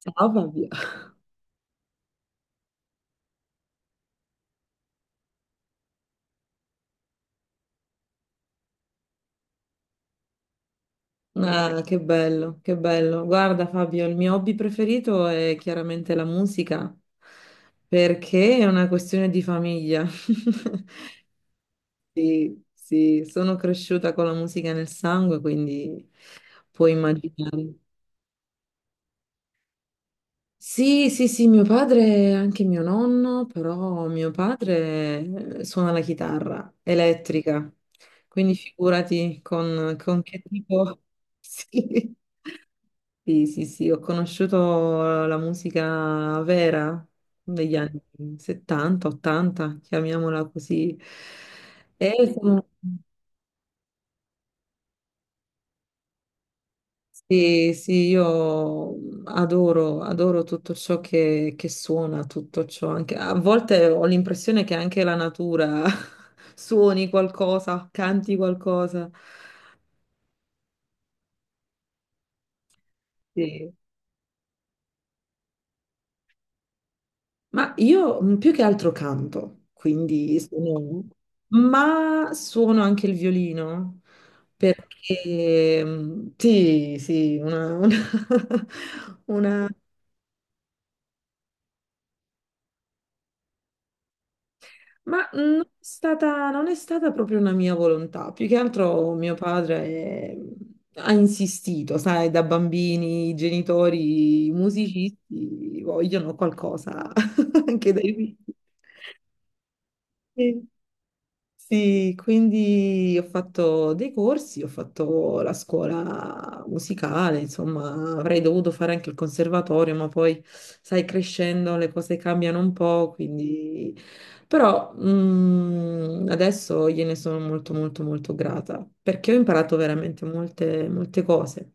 Ciao Fabio. Ah, che bello, che bello. Guarda Fabio, il mio hobby preferito è chiaramente la musica, perché è una questione di famiglia. Sì, sì, sono cresciuta con la musica nel sangue, quindi puoi immaginare. Sì, sì, sì, mio padre, è anche mio nonno, però mio padre suona la chitarra elettrica, quindi figurati con che tipo... Sì. Sì, sì, sì, ho conosciuto la musica vera degli anni 70, 80, chiamiamola così. E sono- sì, sì, io adoro, adoro tutto ciò che suona, tutto ciò. Anche, a volte ho l'impressione che anche la natura suoni qualcosa, canti qualcosa. Sì. Ma io più che altro canto, quindi sono... Ma suono anche il violino. Sì, sì, una- ma non è stata proprio una mia volontà. Più che altro mio padre ha insistito, sai, da bambini i genitori i musicisti vogliono qualcosa anche dai figli. Sì. Sì, quindi ho fatto dei corsi, ho fatto la scuola musicale, insomma, avrei dovuto fare anche il conservatorio, ma poi, sai, crescendo le cose cambiano un po', quindi... Però adesso gliene sono molto, molto, molto grata, perché ho imparato veramente molte, molte cose.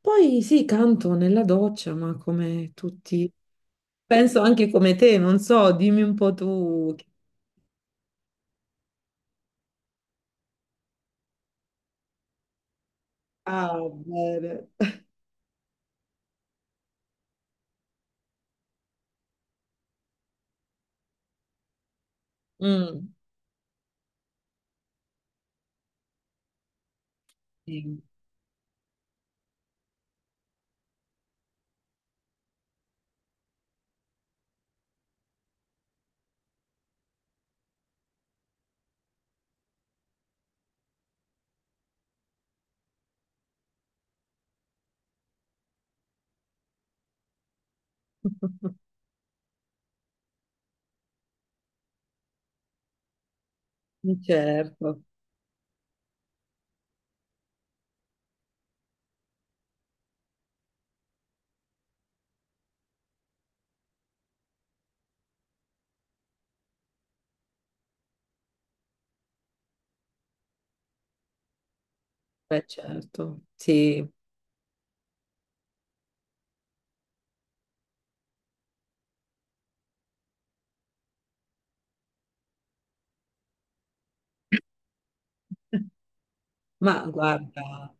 Poi sì, canto nella doccia, ma come tutti... Penso anche come te, non so, dimmi un po' tu. Ah, bene. Mm, sì. Certo, beh, certo, sì. Ma guarda,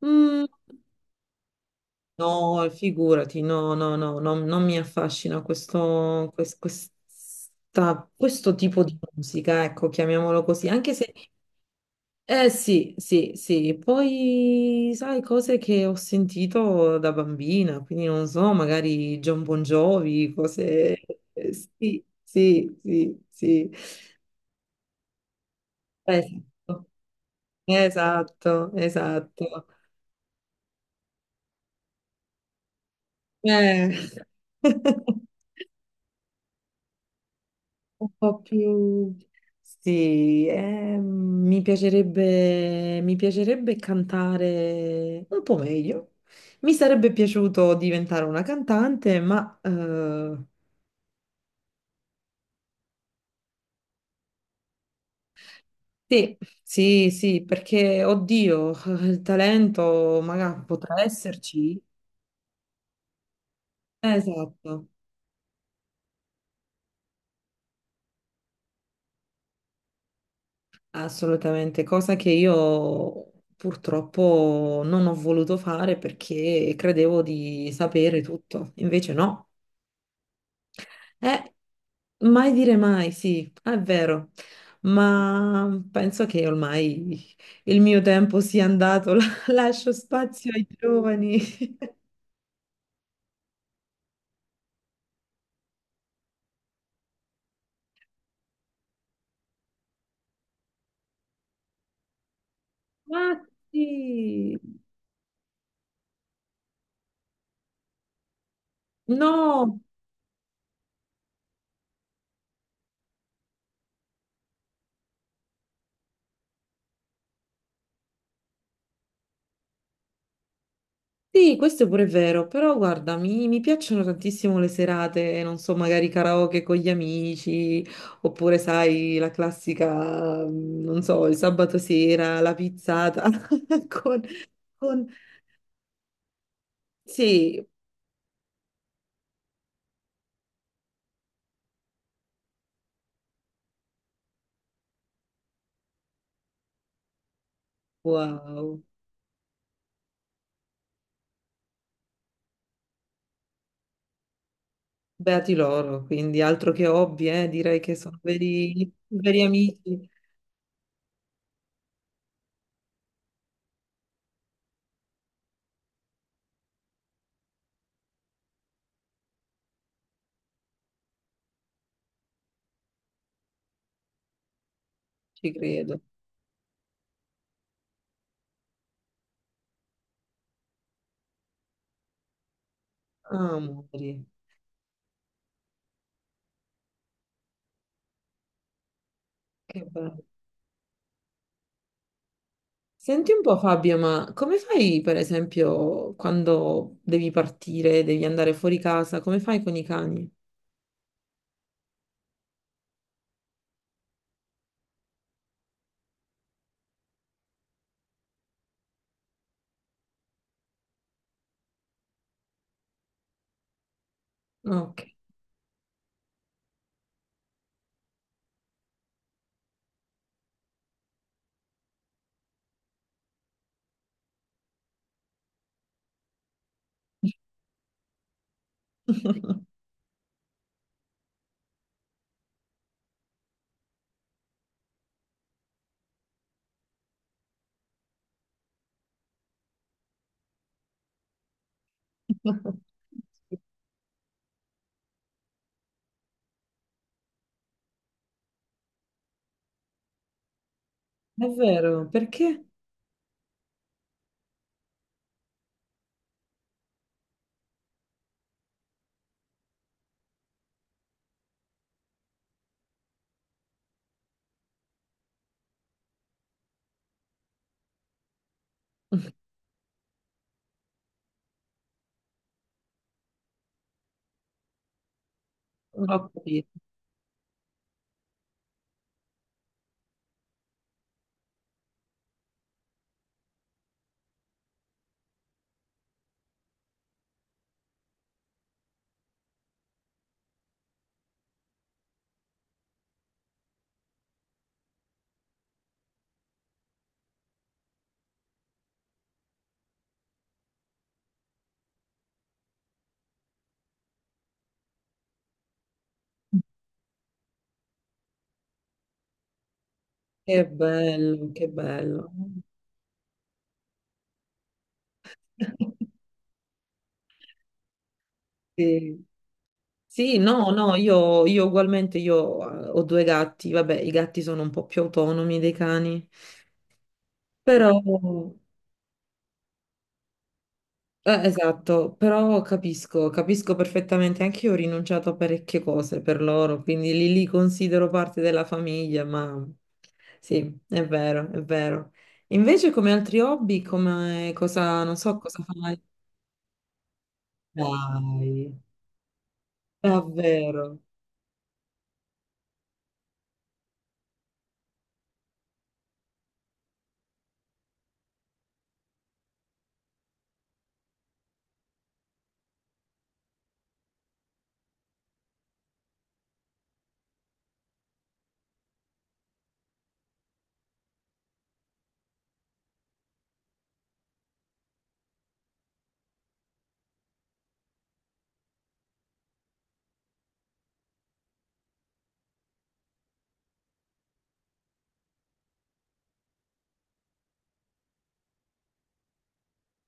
mm, no, figurati, no, no, no, no, non mi affascina questo, questo tipo di musica, ecco, chiamiamolo così, anche se, eh sì, sì, sì, poi sai cose che ho sentito da bambina, quindi non so, magari John Bon Jovi, cose, sì, sì, sì, sì. Questo. Esatto, esatto. Eh, un po' più... Sì, mi piacerebbe cantare un po' meglio. Mi sarebbe piaciuto diventare una cantante, ma sì, sì, sì, perché, oddio, il talento magari potrà esserci. Esatto. Assolutamente, cosa che io purtroppo non ho voluto fare perché credevo di sapere tutto, invece no. Eh, mai dire mai, sì, è vero, ma penso che ormai il mio tempo sia andato, lascio spazio ai giovani. Ma sì, no, sì, questo è pure vero, però guarda, mi piacciono tantissimo le serate, non so, magari karaoke con gli amici, oppure sai, la classica, non so, il sabato sera, la pizzata con, con- Sì, wow, beati loro, quindi altro che hobby, direi che sono veri, veri amici, ci credo. Amori, che bello. Senti un po' Fabio, ma come fai per esempio quando devi partire, devi andare fuori casa, come fai con i cani? Ok, è vero, perché? Non ho capito. Che bello, che bello. Sì. Sì, no, no, io ugualmente io ho due gatti, vabbè, i gatti sono un po' più autonomi dei cani, però eh, esatto, però capisco, capisco perfettamente, anche io ho rinunciato a parecchie cose per loro, quindi li considero parte della famiglia, ma sì, è vero, è vero. Invece come altri hobby, come cosa, non so cosa fai? Dai, davvero?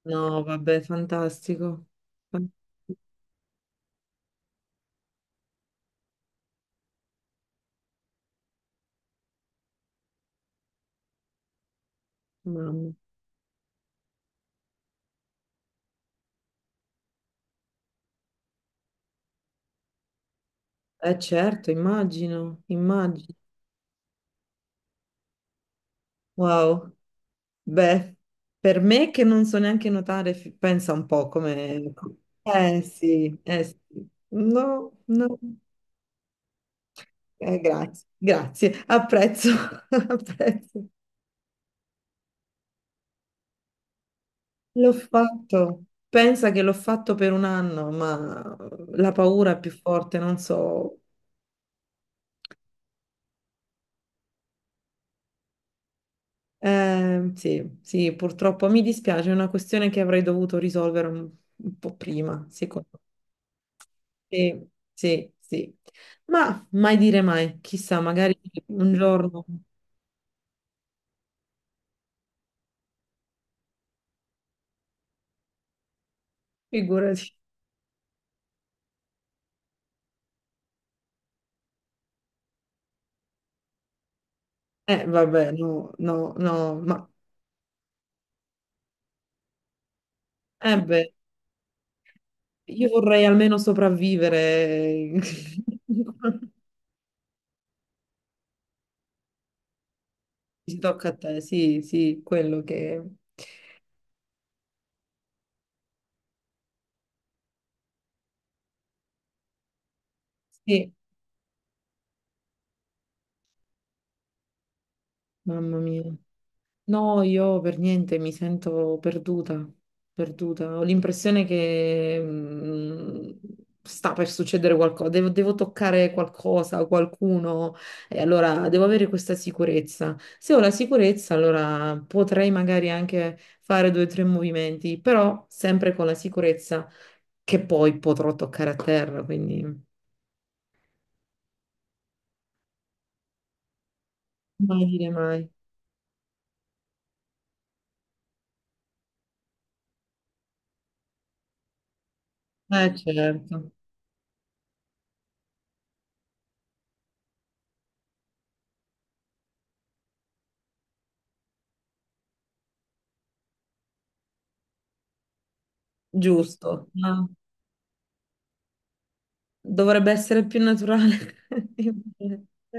No, vabbè, fantastico. Fan- Mamma. Eh certo, immagino, immagino. Wow. Beh, per me che non so neanche nuotare, pensa un po' come... Eh sì, eh sì. No, no, eh, grazie, grazie, apprezzo, apprezzo. L'ho fatto, pensa che l'ho fatto per un anno, ma la paura è più forte, non so. Sì, sì, purtroppo mi dispiace, è una questione che avrei dovuto risolvere un po' prima, sì. Sì, sì, sì. Ma mai dire mai, chissà, magari un giorno, figurati. Vabbè, no, no, no, ma eh beh, io vorrei almeno sopravvivere. Ci tocca a te, sì, sì, quello che... Sì, mamma mia. No, io per niente mi sento perduta, perduta. Ho l'impressione che sta per succedere qualcosa, devo toccare qualcosa, qualcuno, e allora devo avere questa sicurezza. Se ho la sicurezza, allora potrei magari anche fare due o tre movimenti, però sempre con la sicurezza che poi potrò toccare a terra, quindi mai dire mai. Certo, giusto. Ah. Dovrebbe essere più naturale. Eh,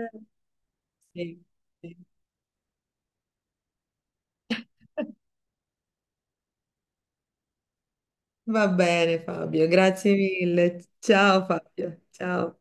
sì, sì. Va bene, Fabio, grazie mille. Ciao Fabio, ciao.